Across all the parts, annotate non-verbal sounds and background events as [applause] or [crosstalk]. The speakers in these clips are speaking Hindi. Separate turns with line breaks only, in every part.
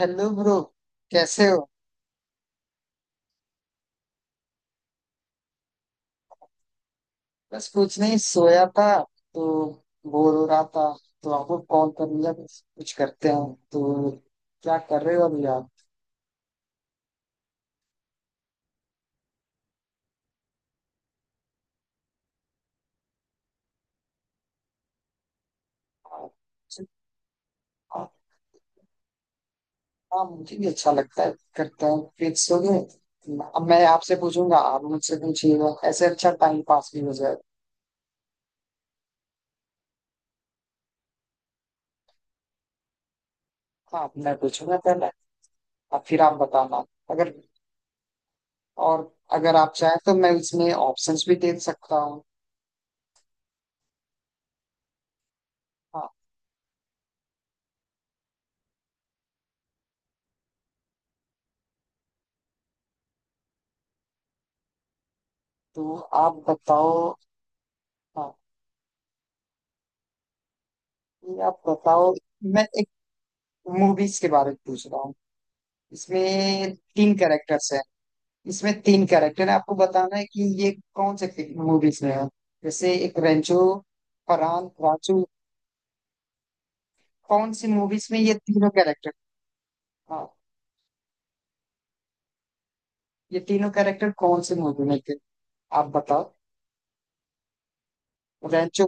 Hello bro. कैसे हो? बस कुछ नहीं, सोया था तो बोर हो रहा था, तो आपको कॉल कर लिया। बस कुछ करते हैं तो। क्या कर रहे हो अभी आप? आप- हाँ, मुझे भी अच्छा लगता है, करते हैं। फिक्स हो गए। अब मैं आपसे पूछूंगा, आप मुझसे पूछिएगा, ऐसे अच्छा टाइम पास भी हो जाएगा। हाँ, मैं पूछूंगा पहले और फिर आप बताना। अगर। और अगर आप चाहें तो मैं इसमें ऑप्शंस भी दे सकता हूँ। हाँ, तो आप बताओ। हाँ, ये आप बताओ। मैं एक मूवीज के बारे में पूछ रहा हूँ, इसमें तीन कैरेक्टर्स हैं। इसमें तीन कैरेक्टर हैं, आपको बताना है कि ये कौन से मूवीज में है। जैसे एक रेंचो, फरहान, राजू, कौन सी मूवीज में ये तीनों कैरेक्टर? हाँ, ये तीनों कैरेक्टर कौन सी मूवी में थे? आप बताओ। रेंचो।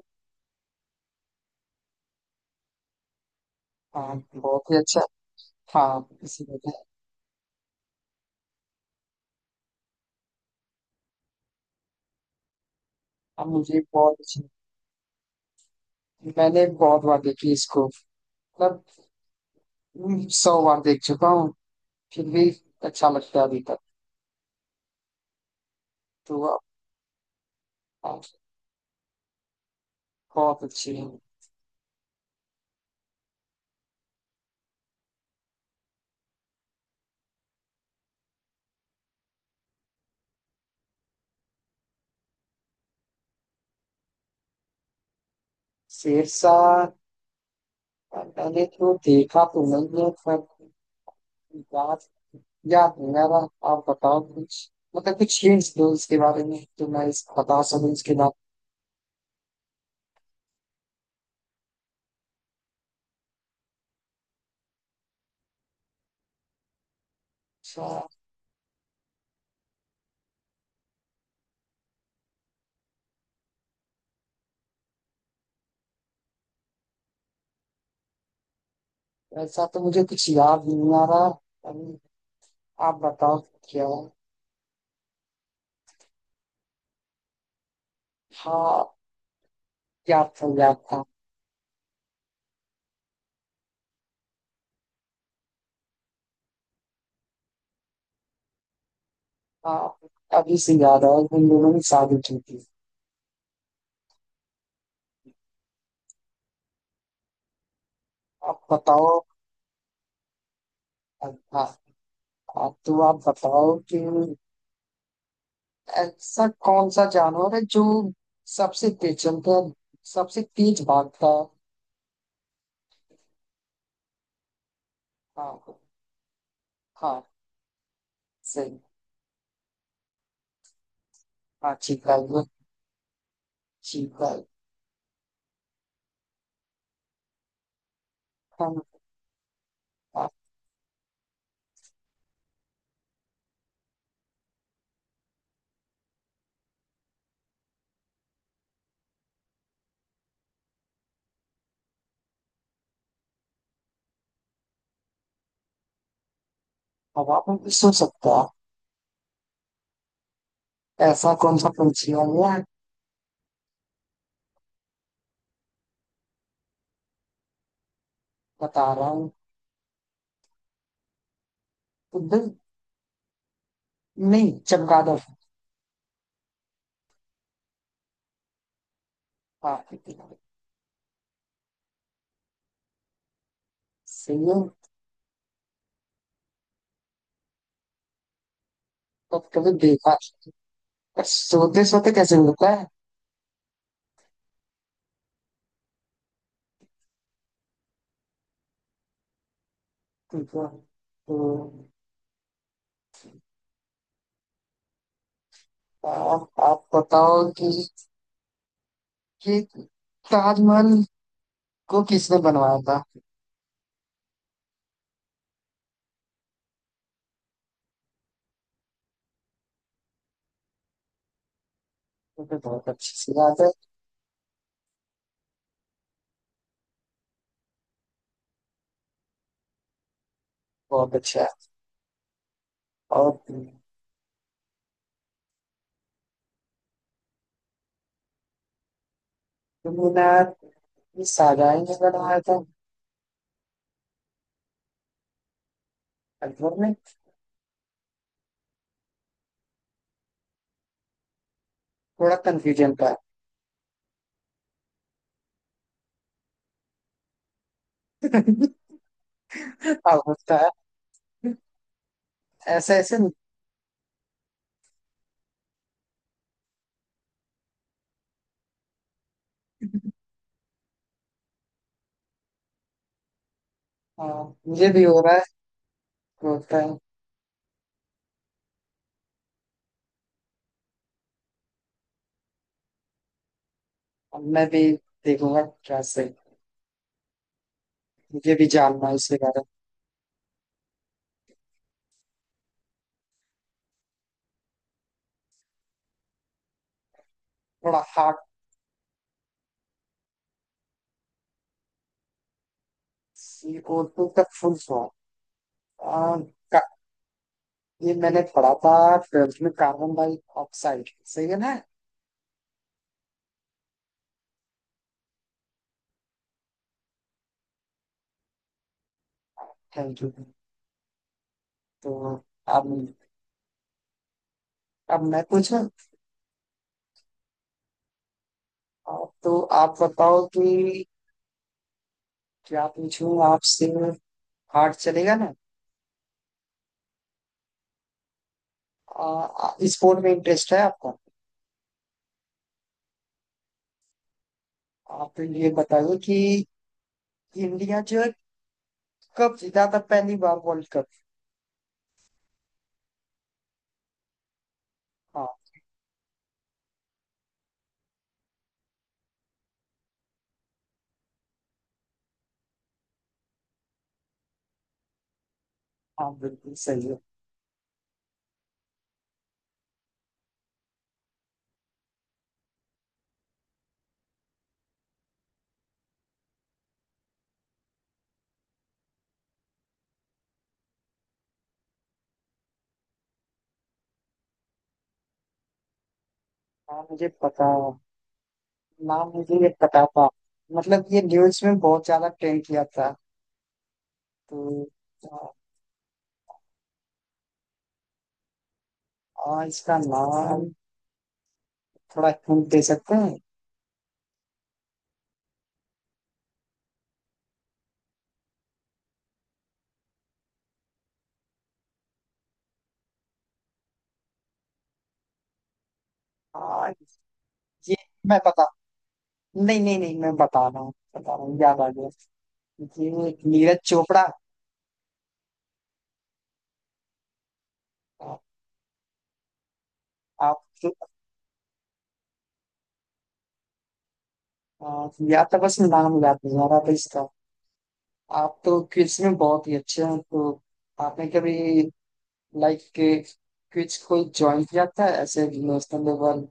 हाँ, बहुत ही अच्छा। हाँ, इसी में था। अब मुझे बहुत अच्छी, मैंने बहुत बार देखी इसको। मतलब सौ बार देख चुका हूँ, फिर भी अच्छा लगता है अभी तक। तो आप। बहुत अच्छी है। शेरशाह। मैंने तो देखा तो नहीं है, पर बात याद नहीं आ रहा। आप बताओ कुछ, मतलब कुछ हिंट्स दो इसके बारे में तो मैं इस बता सकूं इसके बाद। अच्छा। ऐसा तो मुझे कुछ याद नहीं आ रहा अभी। आप बताओ क्या है। हाँ, याद था याद था। हाँ, अभी से याद आया कि इन दोनों ने शादी की थी। आप बताओ। हाँ। हाँ, तो आप बताओ कि ऐसा कौन सा जानवर है जो सबसे तेज चलता है, सबसे तेज भागता है? हाँ। हाँ, सही। हाँ, चीता ही है। चीता ही। हम। हाँ। हवा में भी सो सकता है, ऐसा कौन सा पंछी है? मैं बता रहा हूँ। उधर। नहीं, चमगादड़। हाँ, सही है। पर कभी देखा सोते सोते कैसे होता है? ठीक है। तो आप बताओ कि, ताजमहल को किसने बनवाया था? ये तो बहुत अच्छी सी बात है। बहुत अच्छा है। और कुतुब मीनार ये शाहजहां ने बनवाया था। अकबर ने। थोड़ा कंफ्यूजन का है। [laughs] अब होता है ऐसे ऐसे। हाँ, मुझे भी हो रहा है। तो होता है। अब मैं भी देखूंगा क्या से। मुझे भी जानना है इसके बारे में। थोड़ा हार्ट। सी ओ टू का फुल फॉर्म ये मैंने पढ़ा था ट्वेल्थ में। कार्बन डाइऑक्साइड सही है ना? Thank you. तो अब, मैं पूछूं? आप, तो आप बताओ कि क्या पूछूं आपसे? हार्ट चलेगा ना? आ, आ, स्पोर्ट में इंटरेस्ट है आपका? आप ये बताइए कि इंडिया जो है कब जीता था पहली बार वर्ल्ड कप? हाँ। हाँ, बिल्कुल सही है। हाँ, मुझे पता, नाम मुझे ये पता था। मतलब ये न्यूज में बहुत ज्यादा ट्रेंड किया था। तो आ, आ, इसका नाम थोड़ा हिंट दे सकते हैं? आ, ये मैं पता नहीं, नहीं नहीं, मैं बता रहा हूँ, बता रहा हूँ, याद आ गया। जी, नीरज चोपड़ा। आप तो। या तो बस नाम याद नहीं आ रहा था इसका। आप तो क्विज में बहुत ही अच्छे हैं, तो आपने कभी लाइक के क्विज कोई ज्वाइन किया था ऐसे नेशनल लेवल?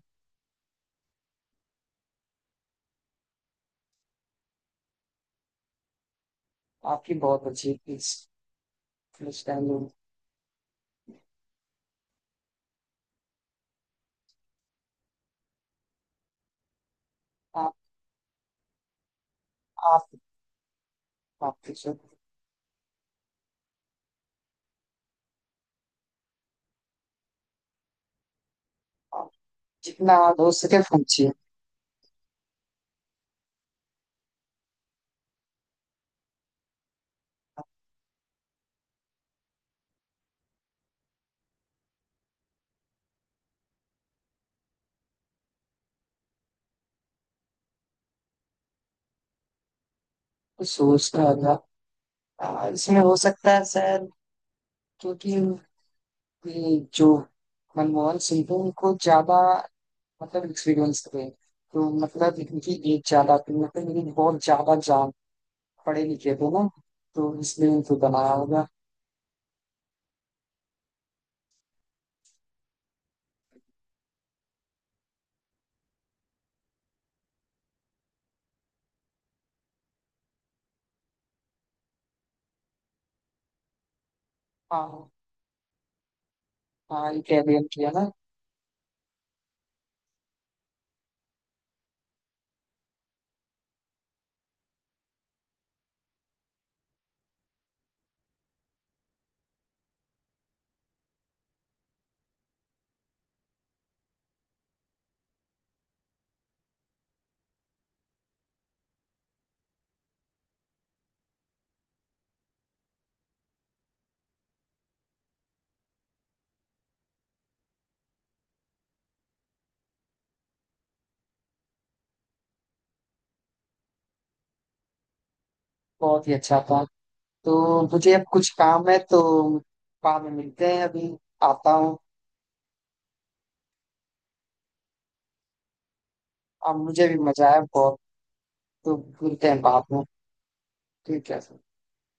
आपकी बहुत अच्छी क्विज अंडरस्टैंडिंग। आप आप आप पूछो। आप जितना हो सके पूछिए। कुछ सोचना होगा। इसमें हो सकता है सर, क्योंकि कि जो मनमोहन सिंह थे उनको ज्यादा मतलब एक्सपीरियंस थे, तो मतलब इनकी एज ज्यादा थी, मतलब इनकी बहुत ज्यादा जान, पढ़े लिखे थे ना, तो इसलिए इनको बनाया होगा। हाँ। हाँ, इटालियन किया ना। बहुत ही अच्छा था। तो मुझे अब कुछ काम है, तो बाद में मिलते हैं अभी। आता हूँ। अब मुझे भी मजा आया बहुत। तो मिलते हैं बाद में। ठीक है सर।